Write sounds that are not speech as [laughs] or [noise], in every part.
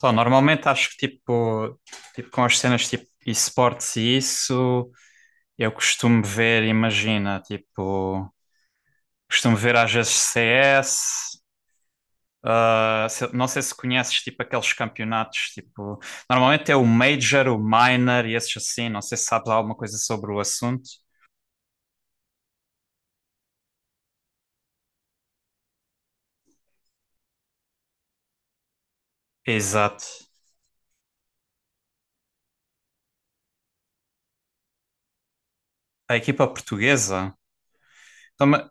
Só, normalmente acho que tipo com as cenas tipo esportes e isso, eu costumo ver, imagina, tipo, costumo ver às vezes CS, não sei se conheces tipo aqueles campeonatos, tipo, normalmente é o Major, o Minor e esses assim, não sei se sabes alguma coisa sobre o assunto. Exato. A equipa portuguesa? Então, ma-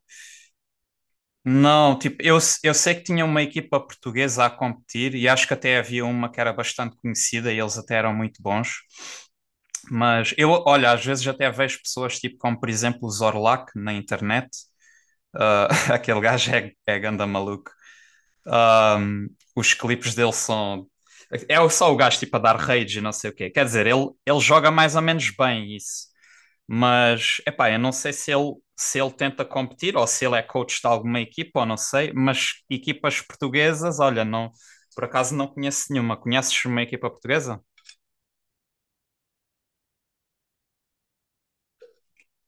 não, tipo, eu sei que tinha uma equipa portuguesa a competir e acho que até havia uma que era bastante conhecida e eles até eram muito bons. Mas eu, olha, às vezes até vejo pessoas tipo como, por exemplo, o Zorlac na internet. Ah, [laughs] aquele gajo é ganda maluco. Ah, os clipes dele são. É só o gajo tipo a dar rage e não sei o quê. Quer dizer, ele joga mais ou menos bem isso. Mas, epá, eu não sei se ele, se ele tenta competir ou se ele é coach de alguma equipa ou não sei. Mas equipas portuguesas, olha, não, por acaso não conheço nenhuma. Conheces uma equipa portuguesa?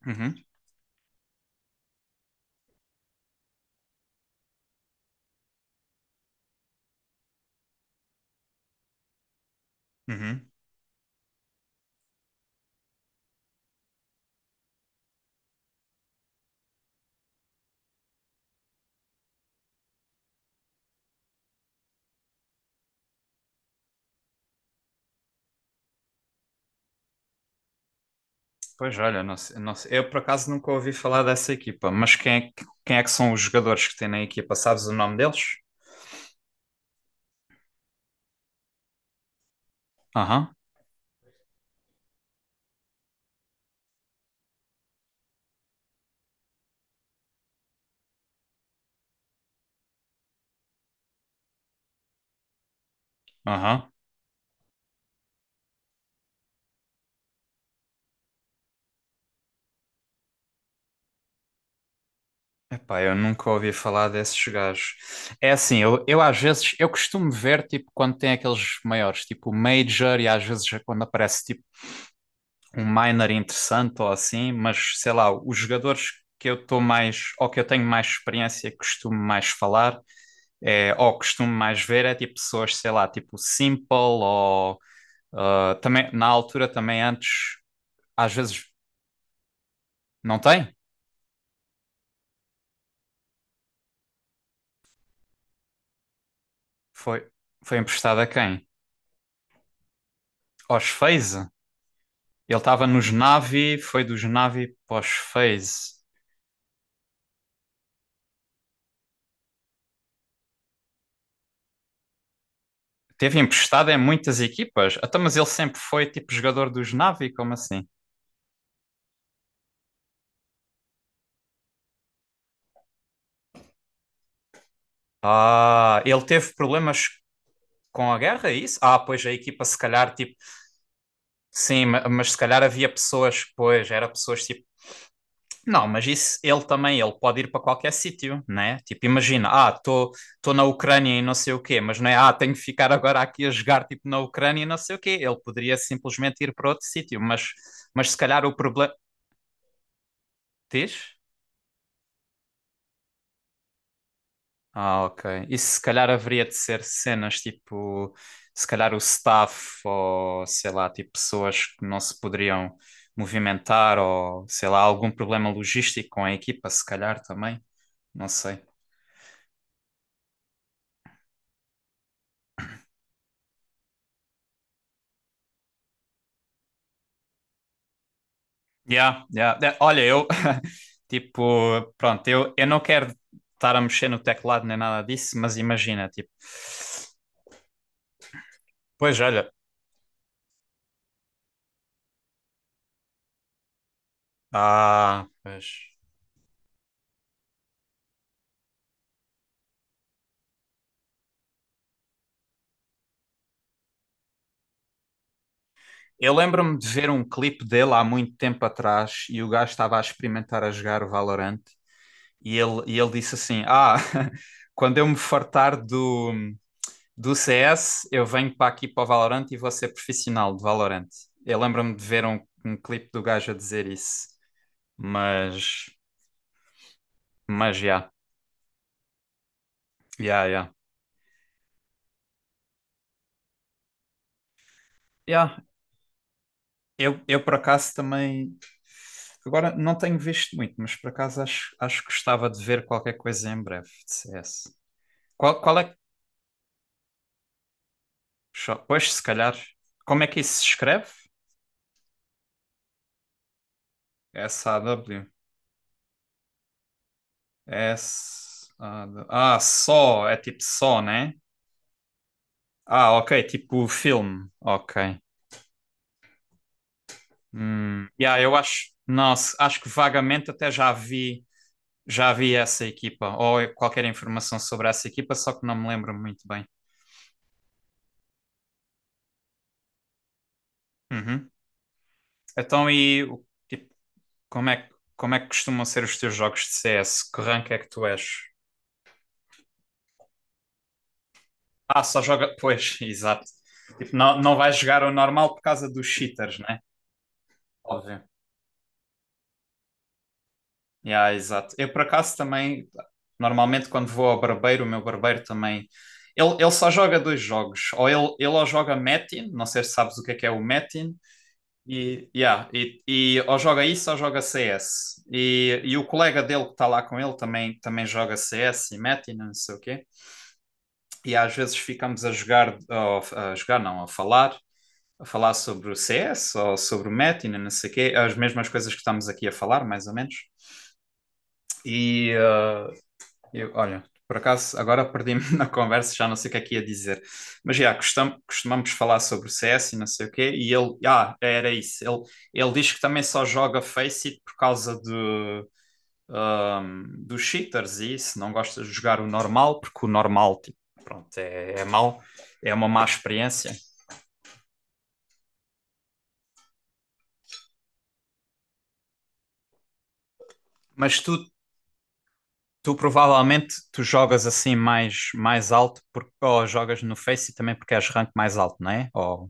Uhum, uhum. Pois olha, não sei. Eu por acaso nunca ouvi falar dessa equipa, mas quem é que são os jogadores que têm na equipa? Sabes o nome deles? Aham, aham. Epá, eu nunca ouvi falar desses gajos. É assim, eu às vezes, eu costumo ver tipo quando tem aqueles maiores, tipo o Major e às vezes quando aparece tipo um minor interessante ou assim, mas sei lá, os jogadores que eu estou mais, ou que eu tenho mais experiência, que costumo mais falar, é, ou costumo mais ver, é tipo pessoas, sei lá, tipo Simple ou Ah, também, na altura, também antes, às vezes não tem. Foi, foi emprestado a quem? Aos FaZe. Ele estava nos Navi, foi dos Navi para os FaZe. Teve emprestado em muitas equipas. Até, mas ele sempre foi tipo jogador dos Navi, como assim? Ah, ele teve problemas com a guerra, é isso? Ah, pois a equipa se calhar, tipo, sim, mas se calhar havia pessoas, pois, era pessoas tipo Não, mas isso ele também, ele pode ir para qualquer sítio, né? Tipo, imagina, ah, estou na Ucrânia e não sei o quê, mas não é, ah, tenho que ficar agora aqui a jogar tipo na Ucrânia e não sei o quê. Ele poderia simplesmente ir para outro sítio, mas se calhar o problema diz? Ah, ok. Isso se calhar haveria de ser cenas tipo, se calhar o staff ou sei lá, tipo pessoas que não se poderiam movimentar ou sei lá, algum problema logístico com a equipa, se calhar também. Não sei. Yeah, yeah. Eh, olha, eu, [laughs] tipo, pronto, eu não quero estar a mexer no teclado nem nada disso, mas imagina, tipo, pois olha, ah, pois. Eu lembro-me de ver um clipe dele há muito tempo atrás e o gajo estava a experimentar a jogar o Valorant e ele disse assim: Ah, [laughs] quando eu me fartar do CS, eu venho para aqui para o Valorant e vou ser profissional de Valorant. Eu lembro-me de ver um clipe do gajo a dizer isso, mas. Mas já. Já, eu por acaso também. Agora não tenho visto muito, mas por acaso acho que gostava de ver qualquer coisa em breve de CS. Qual é que. Só- Pois, se calhar. Como é que isso se escreve? SAW. S. -A -W. Ah, só, é tipo só, né? Ah, ok, tipo filme. Ok. Yeah, eu acho. Nossa, acho que vagamente até já vi. Já vi essa equipa, ou qualquer informação sobre essa equipa, só que não me lembro muito bem. Uhum. Tipo, como é que costumam ser os teus jogos de CS? Que rank é que tu és? Ah, só joga. Pois, [laughs] exato. Tipo, não vais jogar o normal por causa dos cheaters, né? Óbvio. Yeah, exato. Eu, por acaso, também, normalmente, quando vou ao barbeiro, o meu barbeiro também. Ele só joga dois jogos. Ou ele ou joga Metin, não sei se sabes o que é o Metin, e, yeah, e ou joga isso ou joga CS. E o colega dele que está lá com ele também, também joga CS e mete e não sei o quê. E às vezes ficamos a jogar não, a falar sobre o CS ou sobre o Metin, não sei o quê, as mesmas coisas que estamos aqui a falar, mais ou menos. E, ah, eu, olha, por acaso agora perdi-me [laughs] na conversa, já não sei o que é que ia dizer. Mas já, costumamos falar sobre o CS e não sei o quê, e ele, ah, era isso. Ele diz que também só joga Faceit por causa de, dos cheaters e isso, não gosta de jogar o normal, porque o normal, tipo, pronto, é mau, é uma má experiência. Mas tu, tu provavelmente tu jogas assim mais, mais alto, porque, ou jogas no Faceit também porque és rank mais alto, não é? Ou...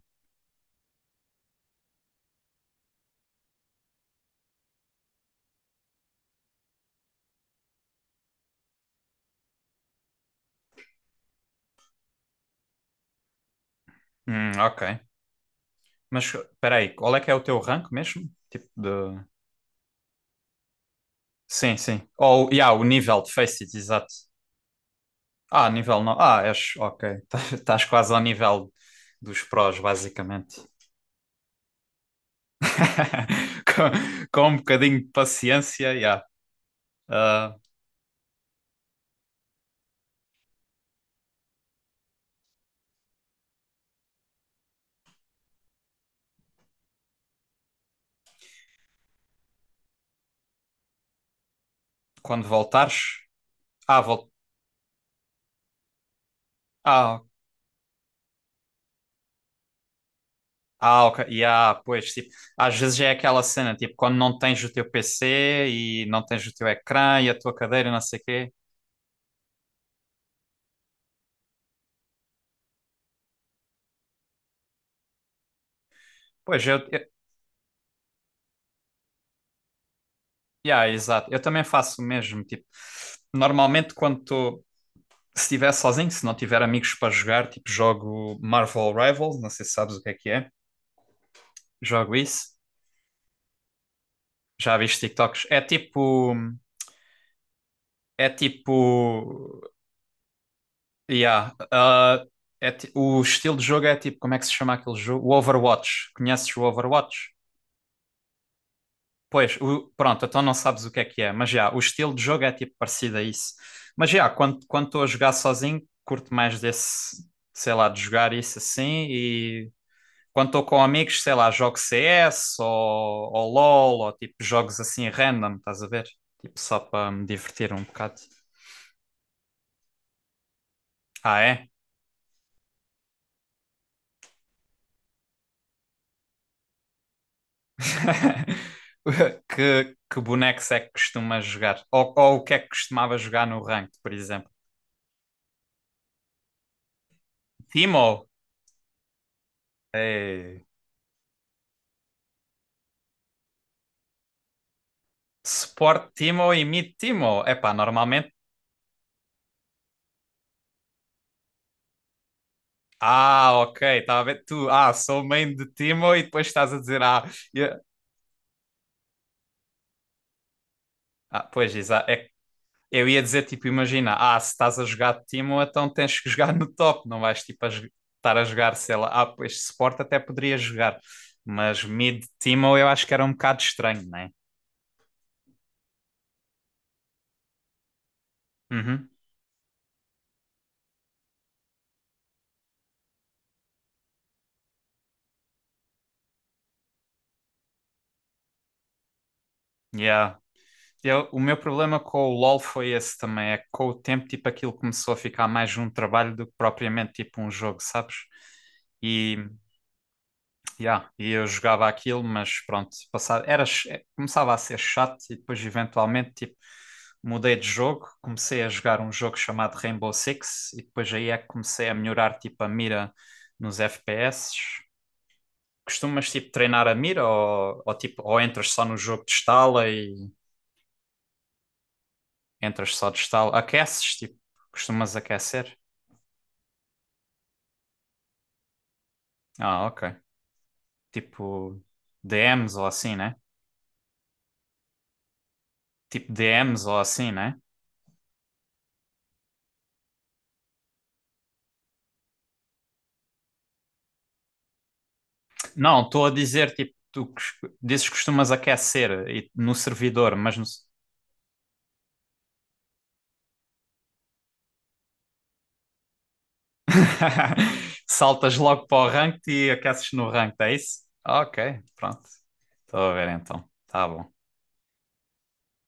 Ok. Mas peraí, qual é que é o teu rank mesmo? Tipo de. Sim, sim. Ou, yeah, o nível de Faces, exato. Ah, nível não. Ah, és. Ok. [laughs] Estás quase ao nível dos prós, basicamente. [laughs] com, com um bocadinho de paciência, yeah. Ah, quando voltares. Ah, vol... ah, ah, ok. Yeah, pois, tipo, às vezes é aquela cena, tipo, quando não tens o teu PC e não tens o teu ecrã e a tua cadeira e não sei o quê. Pois, eu, yeah, exato. Eu também faço o mesmo. Tipo, normalmente se estiver sozinho, se não tiver amigos para jogar, tipo, jogo Marvel Rivals, não sei se sabes o que é que é. Jogo isso. Já viste TikToks? É tipo, yeah, ah, é o estilo de jogo é tipo, como é que se chama aquele jogo? O Overwatch. Conheces o Overwatch? Pois, o- pronto, então não sabes o que é, mas já, o estilo de jogo é tipo parecido a isso. Mas já, quando estou a jogar sozinho, curto mais desse, sei lá, de jogar isso assim. E quando estou com amigos, sei lá, jogo CS ou LOL ou tipo jogos assim random, estás a ver? Tipo só para me divertir um bocado. Ah, é? [laughs] Que bonecos é que costumas jogar? Ou o que é que costumava jogar no ranked, por exemplo? Timo? Ei. Sport Timo e Meet Timo. Epá, normalmente. Ah, ok, estava a ver. Tu, ah, sou main de Timo e depois estás a dizer, ah, eu- ah pois, exa- é que eu ia dizer, tipo, imagina, ah, se estás a jogar de Timo, então tens que jogar no top, não vais, tipo, a estar a jogar, sei lá, ah, pois, Sport até poderia jogar, mas mid Timo eu acho que era um bocado estranho, né? Uhum, yeah. O meu problema com o LoL foi esse também, é que com o tempo, tipo, aquilo começou a ficar mais um trabalho do que propriamente, tipo, um jogo, sabes? E, yeah, e eu jogava aquilo, mas pronto, passava, era, começava a ser chato e depois, eventualmente, tipo, mudei de jogo, comecei a jogar um jogo chamado Rainbow Six e depois aí é que comecei a melhorar, tipo, a mira nos FPS. Costumas, tipo, treinar a mira ou, tipo, ou entras só no jogo de estala e Entras só de estalo. Aqueces, tipo, costumas aquecer? Ah, ok. Tipo, DMs ou assim, né? Tipo, DMs ou assim, né? Não, estou a dizer, tipo, tu dizes que costumas aquecer no servidor, mas no... [laughs] Saltas logo para o ranked e aqueces no ranked, é isso? Ok, pronto. Estou a ver então. Tá bom.